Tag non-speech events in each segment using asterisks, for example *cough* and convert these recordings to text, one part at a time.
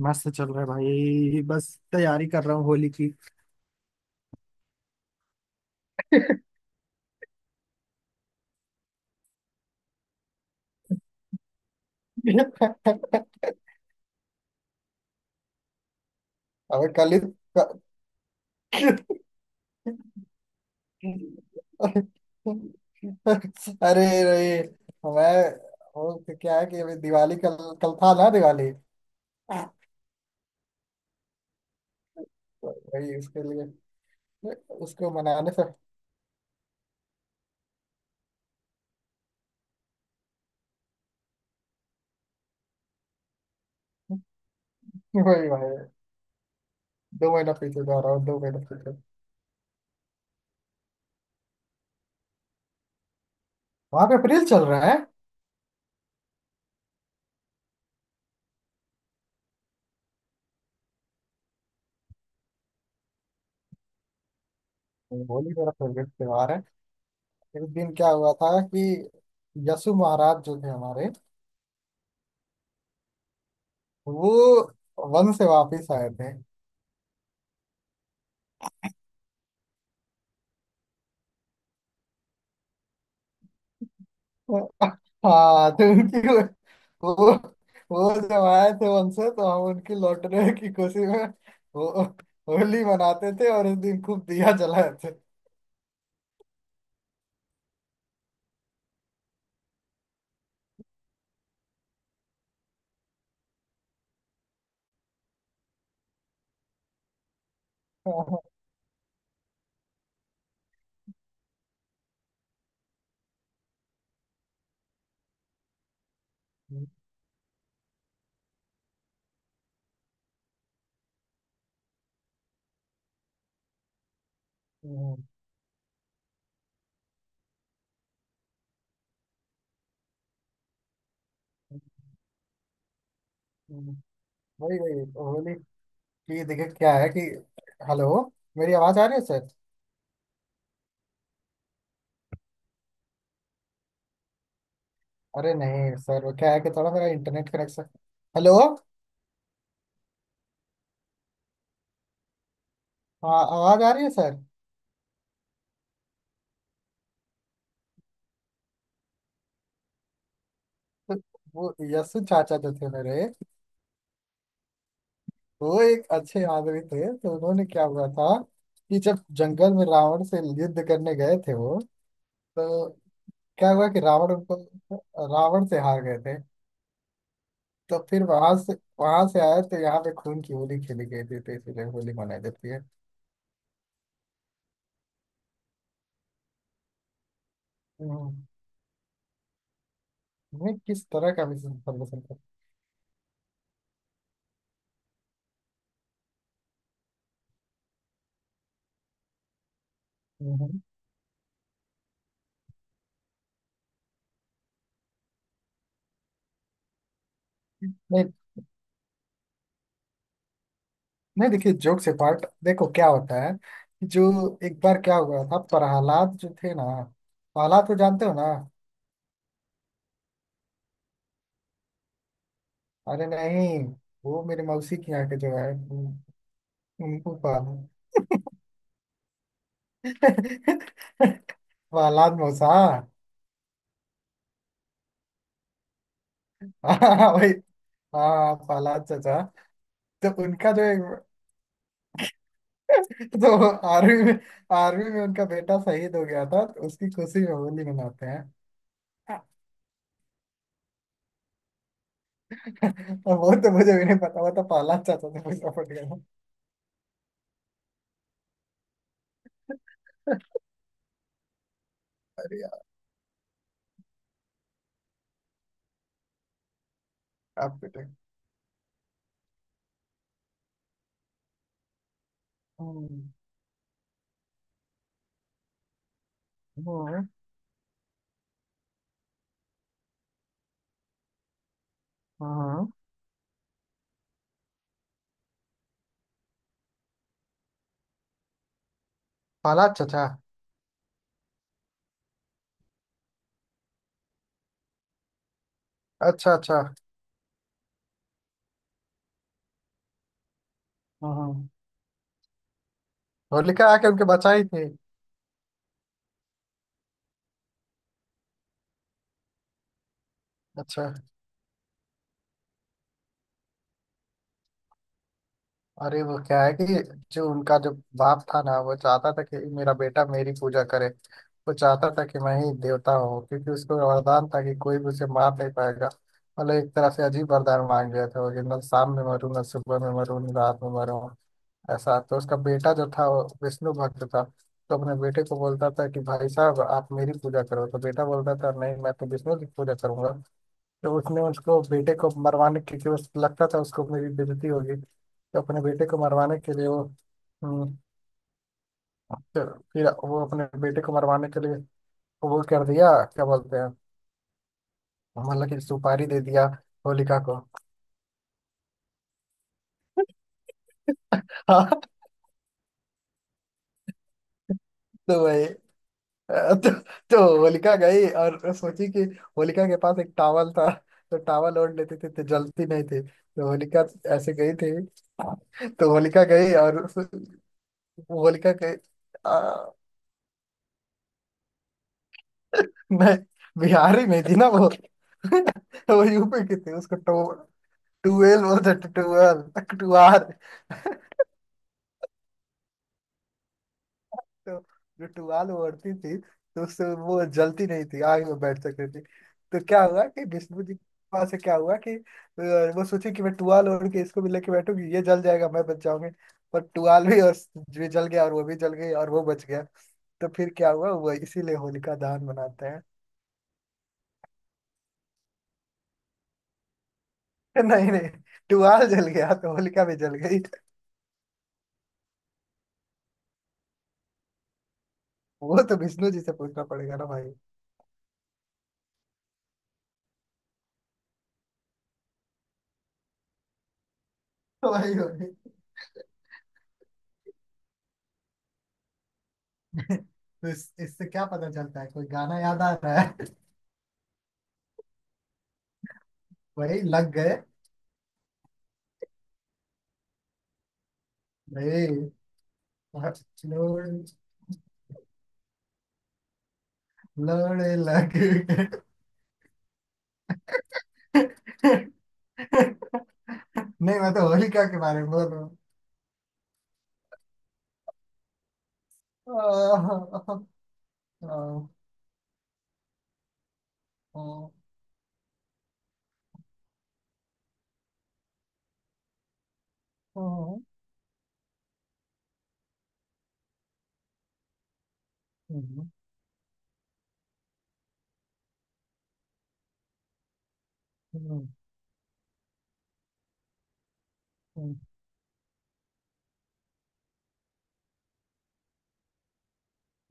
मस्त चल रहा है भाई। बस तैयारी कर रहा हूँ होली की। अबे कल ही तो। अरे रे। मैं वो तो क्या है कि अभी दिवाली कल। कल था ना दिवाली? तो वही उसके लिए। उसको मनाने से। वही भाई। दो महीना पीछे जा रहा हूँ, दो महीना पीछे। वहां पे अप्रैल चल रहा है। होली मेरा फेवरेट त्योहार है। एक दिन क्या हुआ था कि यसु महाराज जो थे हमारे, वो वन से वापस आए थे। *laughs* हाँ, तो उनकी, वो वो जब आए थे वन से तो हम उनकी लौटने की खुशी में, वो, होली मनाते थे और उस दिन खूब दिया जलाए थे। हाँ। हम्म। हम्म। वही वही होली की दिक्कत क्या है कि। हेलो। मेरी आवाज आ रही है सर? अरे नहीं सर, वो क्या है कि थोड़ा मेरा इंटरनेट कनेक्शन। हेलो। हाँ, आवाज आ रही है सर। तो वो यस्सु चाचा जो थे मेरे, वो एक अच्छे आदमी थे। तो उन्होंने क्या हुआ था कि जब जंगल में रावण से युद्ध करने गए थे वो। तो क्या हुआ कि रावण उनको, रावण से हार गए थे। तो फिर वहां से आए तो यहाँ पे खून की होली खेली गई थी तो इसीलिए होली मनाई जाती है। हम्म। मैं किस तरह का मिस इन्फॉर्मेशन था? हम्म। नहीं नहीं देखिए, जोक से पार्ट देखो क्या होता है कि जो एक बार क्या हुआ था प्रहलाद जो थे ना, प्रहलाद को जानते हो ना? अरे नहीं, वो मेरे मौसी की यहाँ के जो है उनको पाल प्रहलाद *laughs* मौसा। हाँ वही। हाँ प्रहलाद चाचा। तो उनका जो एक। तो आर्मी में उनका बेटा शहीद हो गया था तो उसकी खुशी में होली मनाते हैं। *laughs* और वो तो मुझे भी नहीं पता। वो तो प्रहलाद चाचा से पूछना पड़ेगा। अरे यार। आप बेटे। हम्म। हम्म, हाँ प्रहलाद चाचा। अच्छा अच्छा। हाँ हाँ। होलिका आके उनके बचाई थी। अच्छा। अरे वो क्या है कि जो उनका जो बाप था ना, वो चाहता था कि मेरा बेटा मेरी पूजा करे। वो चाहता था कि मैं ही देवता हूँ, क्योंकि उसको वरदान था कि कोई भी उसे मार नहीं पाएगा। मतलब एक तरह से अजीब वरदान मांग लिया था वो कि न शाम में मरूं, न सुबह में मरूं, न रात में मरूं ऐसा। तो उसका बेटा जो था वो विष्णु भक्त था। तो अपने बेटे को बोलता था कि भाई साहब आप मेरी पूजा करो, तो बेटा बोलता था नहीं, मैं तो विष्णु की पूजा करूंगा। तो उसने उसको बेटे को मरवाने के लिए, उस लगता था उसको मेरी बेइज्जती होगी तो अपने बेटे को मरवाने के लिए वो। हम्म। तो फिर वो अपने बेटे को मरवाने के लिए वो कर दिया, क्या बोलते हैं, मतलब कि सुपारी दे दिया होलिका को। *laughs* हाँ। तो भाई, अ, तो, तो होलिका गई और सोची कि होलिका के पास एक टावल था, तो टावल ओढ़ लेती थी तो जलती नहीं थी। तो होलिका ऐसे गई थी। तो होलिका गई और होलिका गई। मैं बिहारी नहीं थी ना वो *laughs* वो यूपी की थी, उसको टू, टूएल बोलते थे, टूएल, टुआर। तो जो टुआल वो ओढ़ती थी तो उससे वो जलती नहीं थी, आग में बैठ सकती थी। तो क्या हुआ कि विष्णु जी के पास से क्या हुआ कि वो सोची कि मैं टुआल ओढ़ के इसको भी लेके बैठूंगी, ये जल जाएगा, मैं बच जाऊंगी। पर टुआल भी और भी जल गया और वो भी जल गई और वो बच गया। तो फिर क्या हुआ वो, इसीलिए होलिका दहन मनाते हैं। *laughs* नहीं नहीं, टुआल जल गया तो होलिका भी जल गई। वो तो विष्णु जी से पूछना पड़ेगा ना भाई। तो भाई भाई। तो इससे क्या पता चलता है, कोई गाना याद आ रहा है। वही लग गए भाई, लड़ लग गए। नहीं, मैं तो होलिका के बारे में बोल रहा हूँ।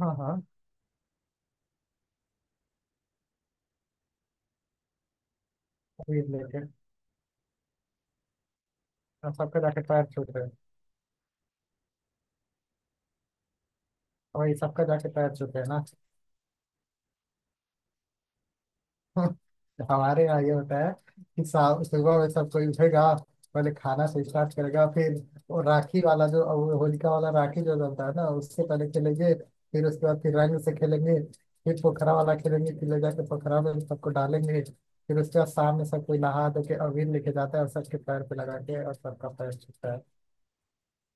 हाँ हाँ। अभी रिलेटेड सबका जाके पैर छूट रहे हैं। वही सबका जाके पैर छूट रहे हैं ना। *laughs* हमारे यहाँ ये होता है कि सुबह में सब कोई उठेगा, पहले खाना से स्टार्ट करेगा, फिर वो राखी वाला जो वो होलिका वाला राखी जो जलता है ना उससे पहले खेलेंगे, फिर उसके बाद फिर रंग से खेलेंगे, फिर पोखरा वाला खेलेंगे, फिर ले जाके पोखरा में सबको डालेंगे, फिर उसके बाद शाम में सब कोई नहा धो के अबीर लेके जाता है और सबके पैर पे लगा के और सबका पैर छूता है।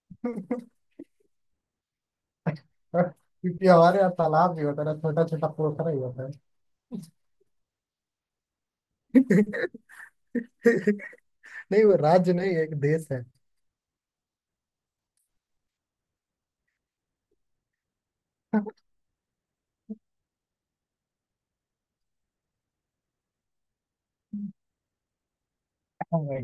*laughs* क्योंकि हमारे यहाँ तालाब भी होता है, छोटा छोटा पोखरा ही होता है। *laughs* नहीं, वो राज्य नहीं एक देश है।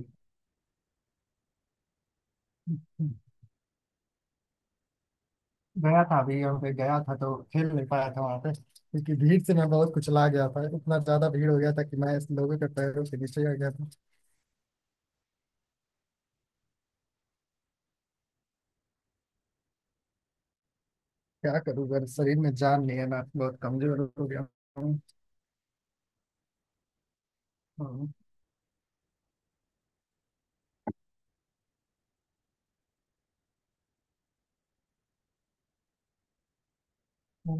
गया था अभी और फिर गया था तो खेल नहीं पाया था वहां पे, क्योंकि भीड़ से मैं बहुत कुचला गया था, इतना ज्यादा भीड़ हो गया था कि मैं इस लोगों के पैरों के नीचे आ गया था। क्या करूँगा, शरीर में जान नहीं है ना, बहुत कमजोर हो गया हूँ। हाँ। हाँ।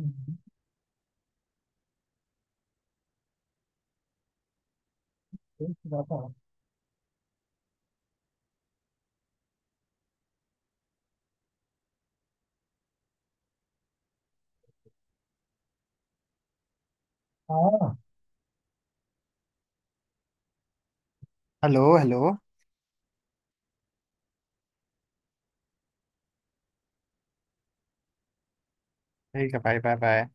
हाँ। Hello hello. ठीक है भाई, बाय बाय।